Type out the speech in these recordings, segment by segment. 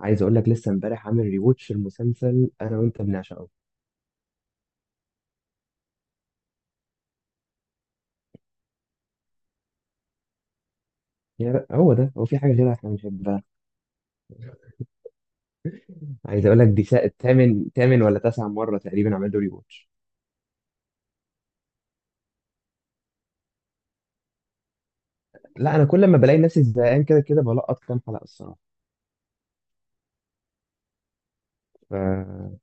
عايز اقول لك لسه امبارح عامل ريوتش المسلسل انا وانت بنعشقه. يا هو ده هو، في حاجه غيرها احنا بنحبها؟ عايز اقول لك دي تامن ولا تسع مره تقريبا عملت له ريوتش. لا، انا كل ما بلاقي نفسي زهقان كده كده بلقط كام حلقه الصراحه. ف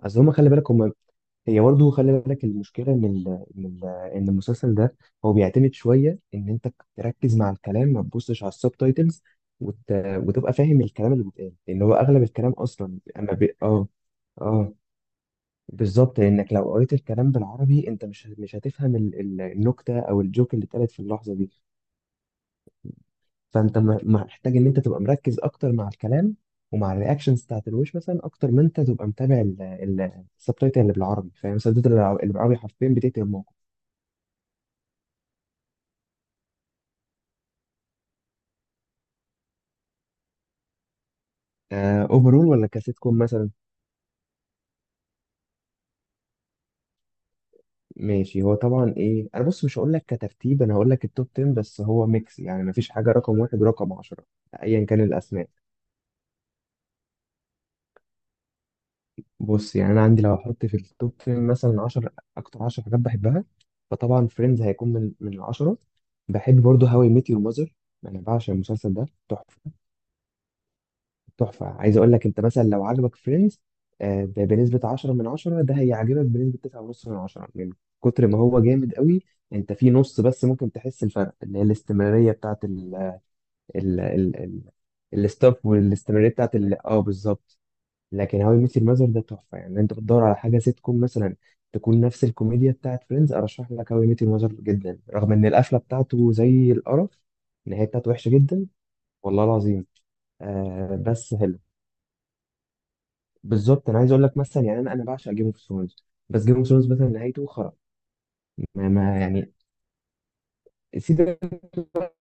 اصل هم، خلي بالك، هم، هي برضه، خلي بالك المشكله ان ال... ان المسلسل ده هو بيعتمد شويه ان انت تركز مع الكلام، ما تبصش على السب تايتلز وت... وتبقى فاهم الكلام اللي بيتقال، لان هو اغلب الكلام اصلا اما بي... اه اه، بالظبط. لانك لو قريت الكلام بالعربي انت مش هتفهم النكته او الجوك اللي اتقالت في اللحظه دي. فانت محتاج ان انت تبقى مركز اكتر مع الكلام ومع الرياكشنز بتاعت الوش مثلا، اكتر ما انت تبقى متابع السبتايتل اللي بالعربي. فاهم؟ سدد اللي بالعربي حرفيا بتقتل الموقف. اوفرول ولا كسيت كوم مثلا؟ ماشي. هو طبعا ايه، انا بص، مش هقول لك كترتيب، انا هقول لك التوب 10، بس هو ميكس، يعني مفيش حاجه رقم واحد ورقم 10 ايا كان الاسماء. بص، يعني انا عندي لو احط في التوب 10 مثلا 10، اكتر 10 حاجات بحبها، فطبعا فريندز هيكون من العشرة. بحب برضه هاو اي ميت يور ماذر، انا بعشق المسلسل ده، تحفه. تحفه. عايز اقول لك، انت مثلا لو عجبك فريندز بنسبه 10 من 10، ده هيعجبك بنسبه 9.5 من 10، من كتر ما هو جامد قوي. انت في نص بس ممكن تحس الفرق، اللي هي الاستمراريه بتاعت ال ال ال ال الستاف، والاستمراريه بتاعت بالظبط. لكن هاو اي ميت يور ماذر ده تحفه. يعني انت بتدور على حاجه سيت كوم مثلا تكون نفس الكوميديا بتاعت فريندز، ارشح لك هاو اي ميت يور ماذر جدا، رغم ان القفله بتاعته زي القرف. النهايه بتاعته وحشه جدا، والله العظيم. آه، بس حلو. بالظبط، انا عايز اقول لك مثلا، يعني انا بعشق جيم اوف ثرونز، بس جيم اوف ثرونز مثلا نهايته خرا. ما يعني، سيزون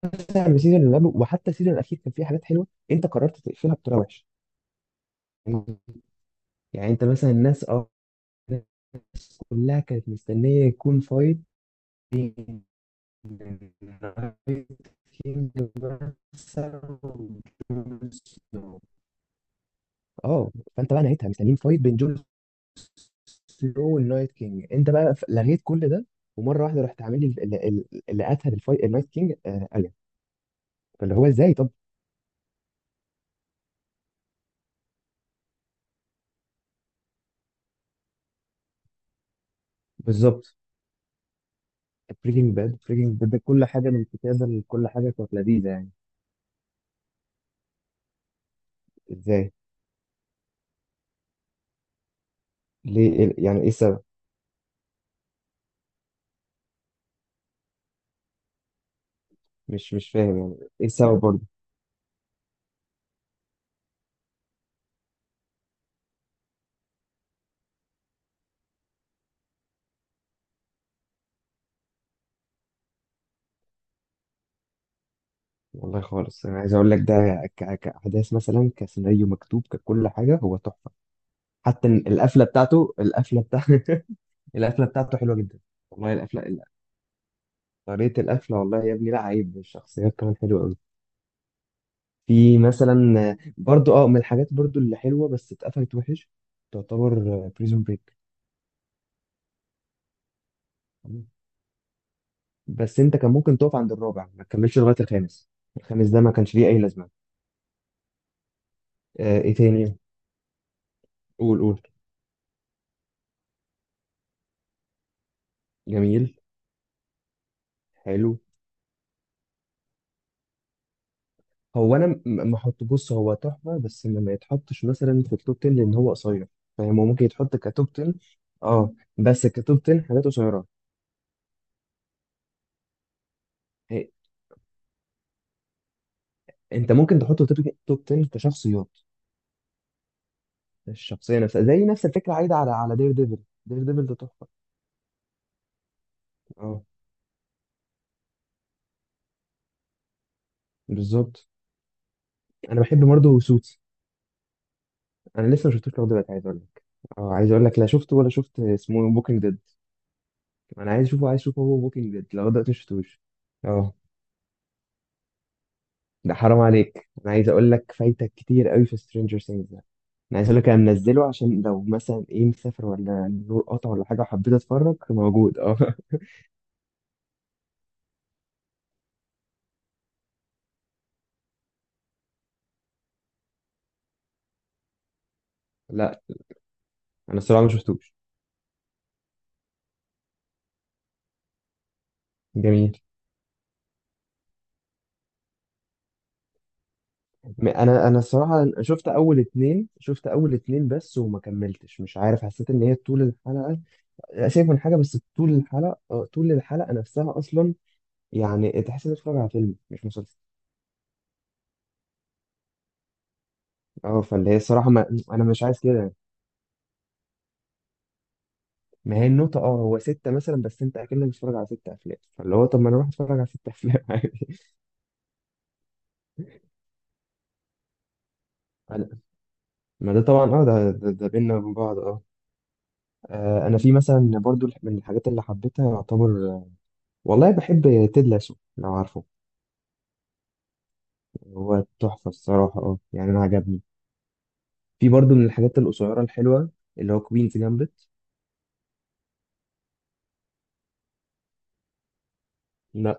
مثلا من السيزون اللي قبله وحتى السيزون الاخير كان فيه حاجات حلوه، انت قررت تقفلها بطريقه وحشه. يعني انت مثلا، الناس الناس كلها كانت مستنيه يكون فايت. اه. فانت بقى نهيتها، مستنيين فايت بين جون سنو والنايت كينج، انت بقى لغيت كل ده ومره واحده رحت عامل لي اللي قتل الفايت النايت كينج الين. فاللي هو ازاي؟ طب. بالظبط. بريكنج باد. بريكنج باد كل حاجه، من الكتابه، كل حاجه كانت لذيذه يعني. ازاي؟ ليه؟ يعني ايه السبب؟ مش فاهم يعني ايه السبب برضه. والله خالص، انا عايز اقول لك ده كاحداث مثلا، كسيناريو مكتوب، ككل حاجه هو تحفه. حتى إن القفله بتاعته، القفله بتاع القفله بتاعته حلوه جدا. والله القفله طريقه القفله، والله يا ابني، لا، عيب. الشخصيات كمان حلوه قوي. في مثلا برضو من الحاجات برضو اللي حلوه بس اتقفلت وحش، تعتبر، بريزون بريك. بس انت كان ممكن تقف عند الرابع، ما تكملش لغايه الخامس. الخامس ده ما كانش ليه اي لازمه. ايه تاني؟ قول، قول. جميل. حلو. هو انا ما احط، بص هو تحفه، بس ما يتحطش مثلا في التوب 10 لان هو قصير، فاهم. هو ممكن يتحط كتوب 10. اه، بس كتوب 10 حاجات قصيره. إيه، انت ممكن تحطه توب 10 كشخصيات. الشخصيه نفسها زي نفس الفكره عايده على دير ديفل. دير ديفل ده تحفه. اه، بالظبط. انا بحب برضه سوتس، انا لسه ما شفتوش لغايه دلوقتي. عايز اقول لك، اه، عايز اقول لك، لا شفته ولا شفت اسمه، بوكينج ديد. انا عايز اشوفه، عايز اشوفه، هو بوكينج ديد لغايه دلوقتي ما شفتوش. اه. ده حرام عليك، انا عايز اقول لك فايتك كتير قوي في سترينجر سينجز ده. انا عايز اقول لك انا منزله، عشان لو مثلا ايه، مسافر ولا النور قطع ولا حاجه وحبيت اتفرج، موجود اه لا، انا الصراحه ما شفتوش. جميل. انا الصراحه شفت اول اتنين، بس وما كملتش، مش عارف، حسيت ان هي طول الحلقه. لا، شايف من حاجه، بس طول الحلقه، طول الحلقه نفسها اصلا، يعني تحس انك بتتفرج على فيلم مش مسلسل. اه، فاللي هي الصراحه ما... انا مش عايز كده. ما هي النقطة، اه، هو ستة مثلا، بس انت اكنك بتتفرج على ست افلام، فاللي هو طب ما انا اروح اتفرج على ست افلام عادي. أنا- ما ده طبعا اه، ده بينا وبين بعض. اه. انا في مثلا برضو من الحاجات اللي حبيتها يعتبر، والله، بحب تيد لاسو، لو عارفه. هو تحفة الصراحة، اه، يعني انا عجبني. في برضو من الحاجات القصيرة الحلوة، اللي هو كوينز جامبت. لا.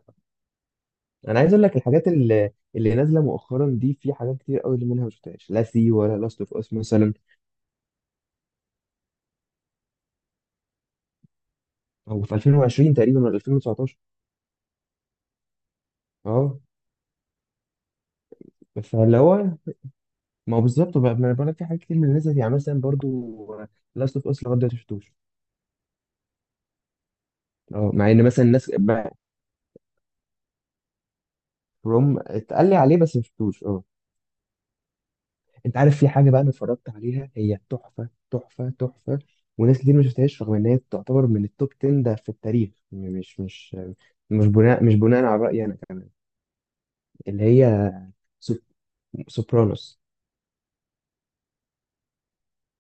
انا عايز اقول لك الحاجات اللي نازلة مؤخرا دي، في حاجات كتير قوي اللي منها ما شفتهاش، لا سي ولا لاست اوف اس مثلا. هو في 2020 تقريبا ولا 2019. اه، فاللي هو، ما هو بالظبط بقى، ما انا بقول لك، في حاجات كتير من الناس دي. يعني مثلا برضو، لاست اوف اس لغايه دلوقتي ما شفتوش. اه، مع ان مثلا الناس روم اتقال لي عليه بس ما شفتوش. اه. انت عارف في حاجه بقى انا اتفرجت عليها، هي تحفه تحفه تحفه، وناس كتير ما شفتهاش رغم ان هي تعتبر من التوب 10 ده في التاريخ، يعني مش، مش بناء، على رايي انا كمان. اللي هي سوب- سوبرانوس.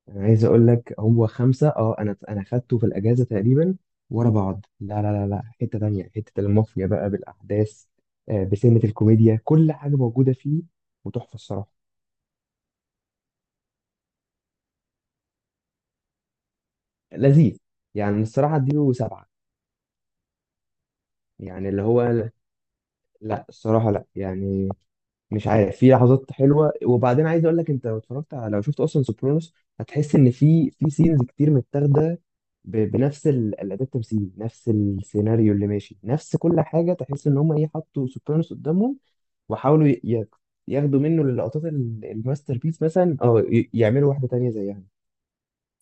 انا عايز اقول لك، هو خمسه، اه، انا خدته في الاجازه تقريبا ورا بعض، لا لا لا لا، حته تانية، حته المافيا بقى بالاحداث، بسنه الكوميديا، كل حاجه موجوده فيه، وتحفه الصراحه. لذيذ، يعني الصراحه اديله سبعه، يعني اللي هو، لا الصراحه لا يعني، مش عارف، في لحظات حلوه. وبعدين عايز اقول لك، انت لو اتفرجت على، لو شفت اصلا سوبرانوس، هتحس ان في سينز كتير متاخده بنفس الاداء التمثيلي، نفس السيناريو اللي ماشي، نفس كل حاجه، تحس ان هم، ايه، حطوا سوبرانوس قدامهم وحاولوا ياخدوا منه اللقطات الماستر بيس مثلا، اه، يعملوا واحده تانية زيها.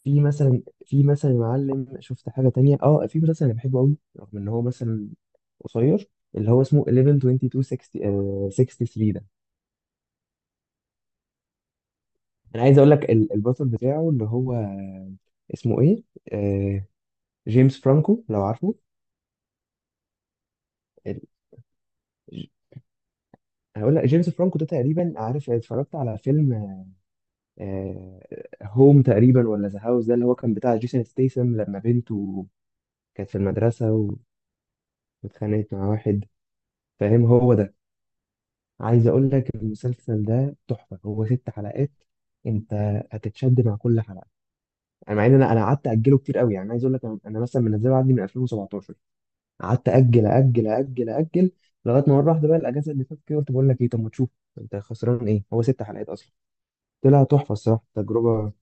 في مثلا، يا معلم، شفت حاجه تانية، اه، في مسلسل انا بحبه قوي رغم ان هو مثلا قصير، اللي هو اسمه 11 22 60، 63. انا عايز اقول لك البطل بتاعه اللي هو اسمه ايه، آه، جيمس فرانكو، لو عارفه. ال- ج- هقول لك، جيمس فرانكو ده تقريبا، عارف، اتفرجت على فيلم، آه، هوم تقريبا، ولا ذا هاوس، ده اللي هو كان بتاع جيسون ستيسم، لما بنته كانت في المدرسة واتخانقت مع واحد، فاهم، هو ده. عايز اقول لك المسلسل ده تحفة، هو ست حلقات، انت هتتشد مع كل حلقة. انا مع ان انا قعدت اجله كتير قوي، يعني عايز اقول لك، انا مثلا منزله عندي من 2017، قعدت اجل اجل اجل اجل، لغايه ما مره واحده بقى الاجازه اللي فاتت كده قلت، بقول لك ايه، طب ما تشوف، انت خسران ايه؟ هو ست حلقات اصلا. طلع تحفه الصراحه، تجربه.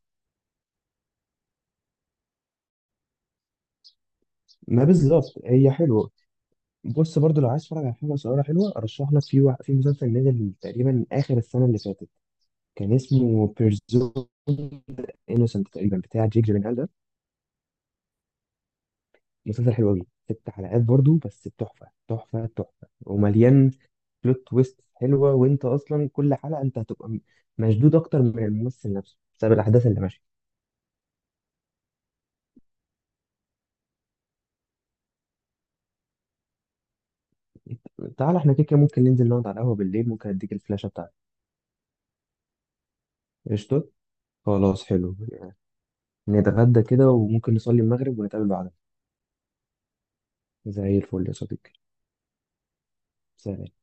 ما بالظبط، هي حلوه. بص برضو، لو عايز تتفرج على حاجه صغيره حلوه، ارشح لك في في مسلسل نزل تقريبا اخر السنه اللي فاتت، كان اسمه بيرزون انوسنت تقريبا، بتاع جيك جيلنهال ده. مسلسل حلو قوي، ست حلقات برضو، بس تحفه تحفه تحفه، ومليان بلوت تويست حلوه، وانت اصلا كل حلقه انت هتبقى مشدود اكتر من الممثل نفسه بسبب الاحداث اللي ماشيه. تعال، احنا كده كده ممكن ننزل نقعد على القهوه بالليل، ممكن اديك الفلاشه بتاعتي. قشطه. خلاص، حلو. نتغدى كده وممكن نصلي المغرب ونتقابل بعدها. زي الفل يا صديقي. سلام.